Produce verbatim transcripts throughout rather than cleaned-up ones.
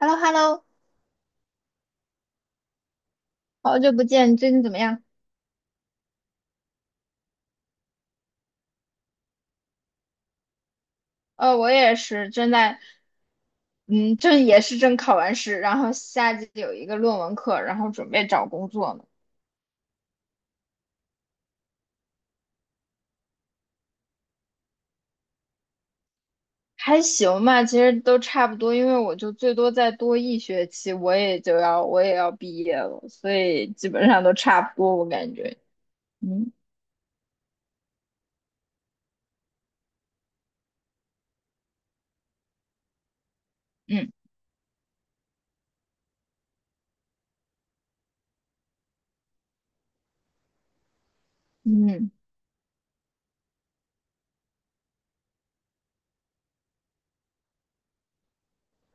h e l l o h e l l o 好久不见，你最近怎么样？呃，我也是正在，嗯，正也是正考完试，然后下季有一个论文课，然后准备找工作呢。还行吧，其实都差不多，因为我就最多再多一学期，我也就要我也要毕业了，所以基本上都差不多，我感觉。嗯嗯嗯。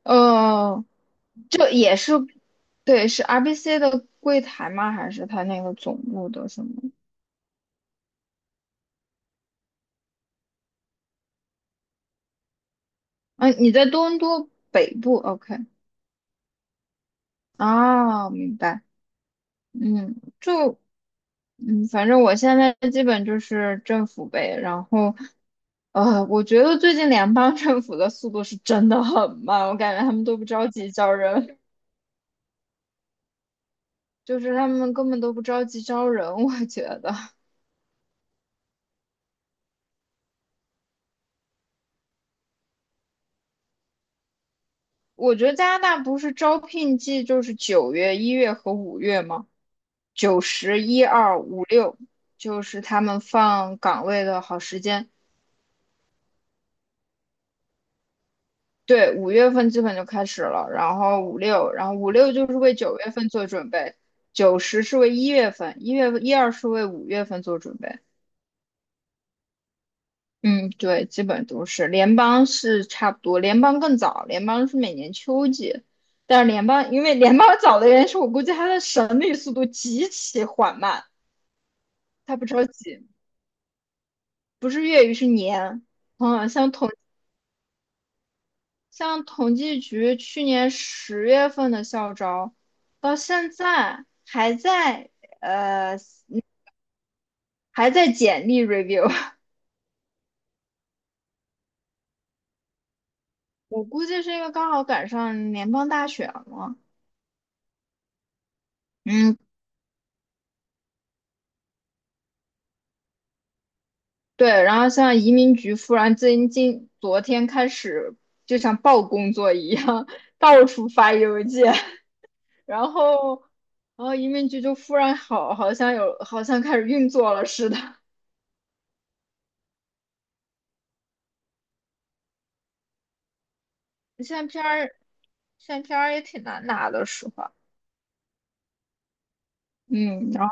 呃，这也是。对，是 R B C 的柜台吗？还是他那个总部的什么？嗯，你在多伦多北部，OK。啊，明白。嗯，就，嗯，反正我现在基本就是政府呗。然后，呃，我觉得最近联邦 政府的速度是真的很慢，我感觉他们都不着急招人。就是他们根本都不着急招人，我觉得。我觉得加拿大不是招聘季就是九月、一月和五月吗？九十一二五六，就是他们放岗位的好时间。对，五月份基本就开始了，然后五六，然后五六就是为九月份做准备。九十是为一月份，一月一二是为五月份做准备。嗯，对，基本都是联邦是差不多，联邦更早，联邦是每年秋季。但是联邦因为联邦 早的原因是我估计它的审理速度极其缓慢。它不着急，不是月语是年。嗯，像像统计局去年十月份的校招，到现在还在呃还在简历 review。我估计是因为刚好赶上联邦大选了。嗯，对，然后像移民局忽然最近昨天开始就像报工作一样，到处发邮件，然后。然后移民局就忽然好，好像有，好像开始运作了似的。现在 P R 现在 P R 也挺难拿的，实话。嗯，然后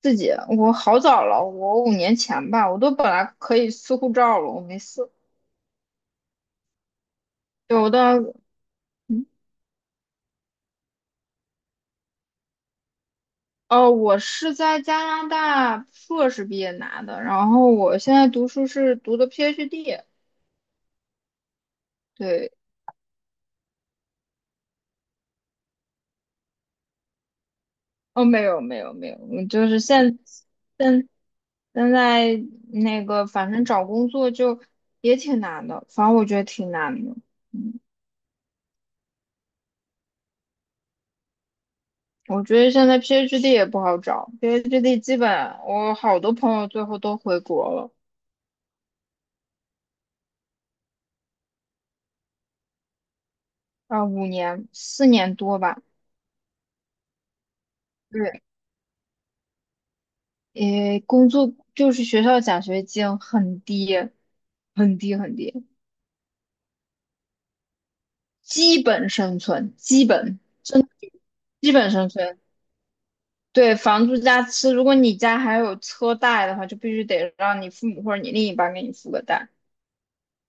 自己我好早了，我五年前吧，我都本来可以撕护照了，我没撕。有的，嗯，哦，我是在加拿大硕士毕业拿的，然后我现在读书是读的 PhD。对，哦，没有没有没有，我就是现现现在那个，反正找工作就也挺难的，反正我觉得挺难的。嗯。我觉得现在 PhD 也不好找，PhD 基本我好多朋友最后都回国了。啊，五年四年多吧。对，诶，工作就是学校奖学金很低，很低很低。基本生存，基本真的基本生存。对，房租加吃，如果你家还有车贷的话，就必须得让你父母或者你另一半给你付个贷，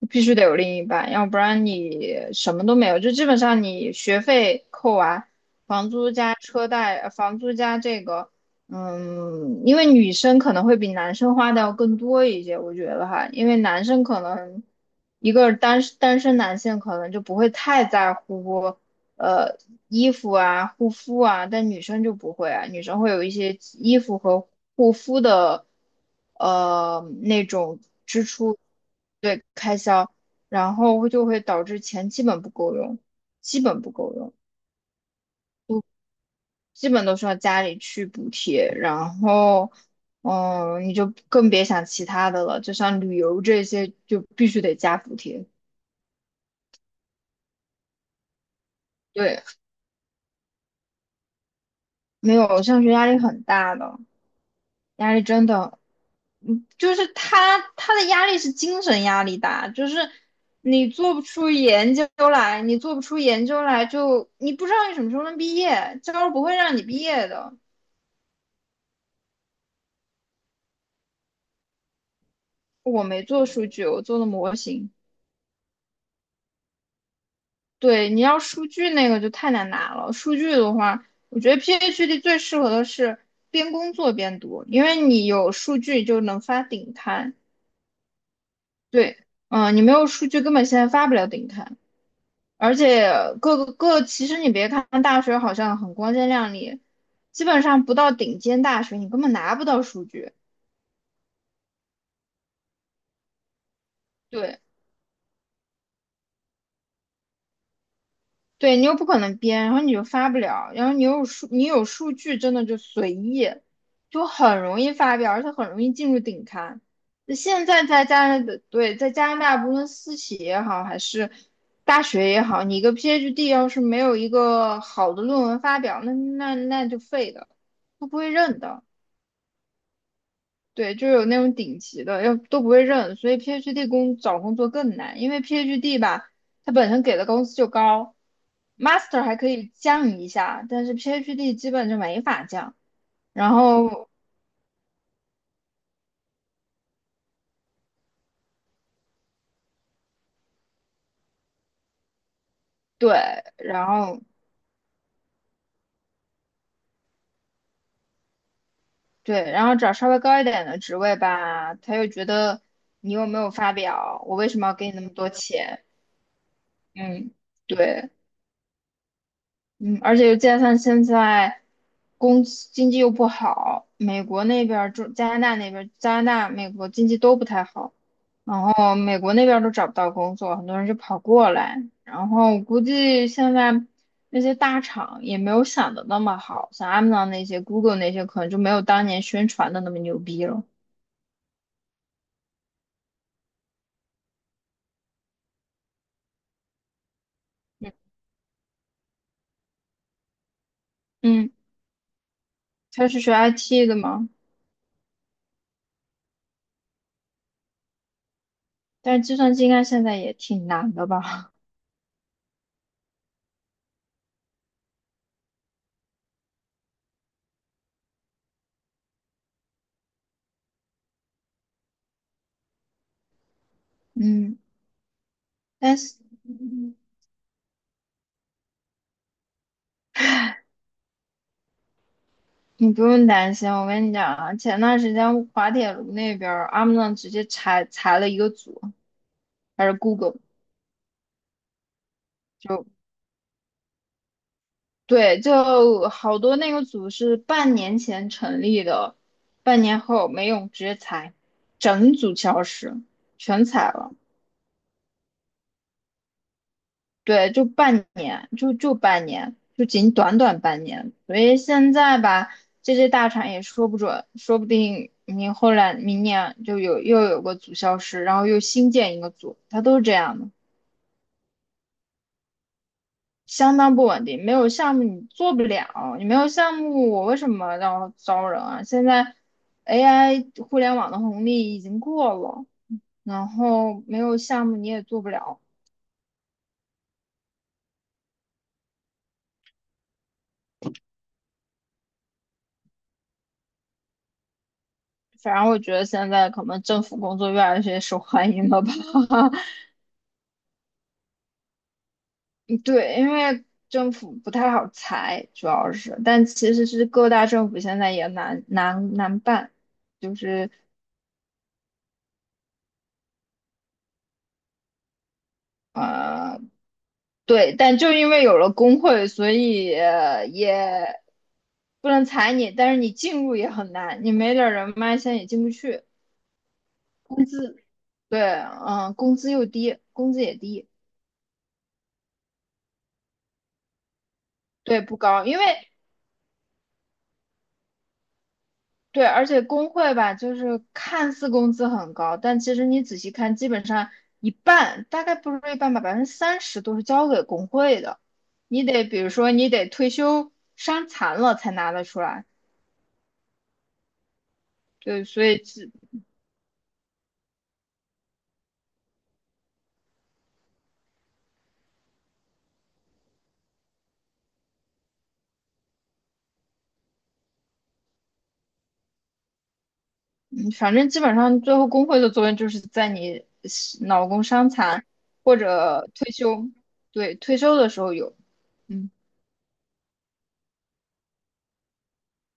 必须得有另一半，要不然你什么都没有。就基本上你学费扣完，房租加车贷，呃房租加这个。嗯，因为女生可能会比男生花的要更多一些，我觉得哈，因为男生可能一个单单身男性可能就不会太在乎。呃，衣服啊、护肤啊，但女生就不会啊，女生会有一些衣服和护肤的，呃，那种支出。然后就会导致钱基本不够用，基本不够用，基本都需要家里去补贴。然后，嗯，你就更别想其他的了，就像旅游这些就必须得加补贴。对，没有，上学压力很大的，压力真的。嗯就是他他的压力是精神压力大，就是你做不出研究来，你做不出研究来就你不知道你什么时候能毕业，教授不会让你毕业的。我没做数据，我做了模型。对，你要数据那个就太难拿了。数据的话，我觉得 PhD 最适合的是边工作边读，因为你有数据就能发顶刊。对，嗯、你没有数据根本现在发不了顶刊。而且各个各，其实你别看大学好像很光鲜亮丽，基本上不到顶尖大学，你根本拿不到数据。对，对你又不可能编，然后你又发不了，然后你有数，你有数据真的就随意，就很容易发表，而且很容易进入顶刊。那现在在加拿大，对，在加拿大，无论私企也好，还是大学也好，你一个 PhD 要是没有一个好的论文发表，那那那就废的，都不会认的。对，就有那种顶级的，要都不会认，所以 PhD 工找工作更难，因为 PhD 吧，它本身给的工资就高，Master 还可以降一下，但是 PhD 基本就没法降。然后对，然后对，然后找稍微高一点的职位吧，他又觉得你又没有发表，我为什么要给你那么多钱？嗯，对。嗯，而且又加上现在工资经济又不好，美国那边儿、中加拿大那边儿加拿大、美国经济都不太好。然后美国那边儿都找不到工作，很多人就跑过来，然后我估计现在那些大厂也没有想的那么好，像 Amazon 那些、Google 那些可能就没有当年宣传的那么牛逼了。嗯，嗯，他是学 I T 的嘛。但是计算机应该现在也挺难的吧？嗯，但是。你不用担心，我跟你讲啊，前段时间滑铁卢那边儿，Amazon 直接裁裁了一个组，还是 Google。就对，就好多那个组是半年前成立的，半年后没用，直接裁，整组消失，全裁了。对，就半年，就就半年，就仅短短半年。所以现在吧，这些大厂也说不准，说不定你后来明年就有又有个组消失，然后又新建一个组，它都是这样的，相当不稳定。没有项目你做不了，你没有项目，我为什么要招人啊？现在 A I 互联网的红利已经过了，然后没有项目你也做不了。反正我觉得现在可能政府工作越来越受欢迎了吧。对，因为政府不太好裁，主要是，但其实是各大政府现在也难难难办，就是呃，对，但就因为有了工会，所以呃也不能裁你，但是你进入也很难，你没点儿人脉，现在也进不去。工资，对，嗯，工资又低，工资也低。对，不高，因为对，而且工会吧，就是看似工资很高，但其实你仔细看，基本上一半，大概不是一半吧，百分之三十都是交给工会的。你得比如说，你得退休伤残了才拿得出来。对，所以基嗯反正基本上最后工会的作用就是在你脑工伤残或者退休。对，退休的时候有。嗯，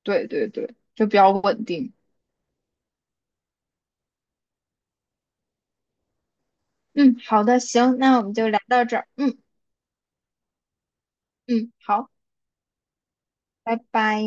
对对对，就比较稳定。嗯，好的，行，那我们就聊到这儿。嗯嗯，好，拜拜。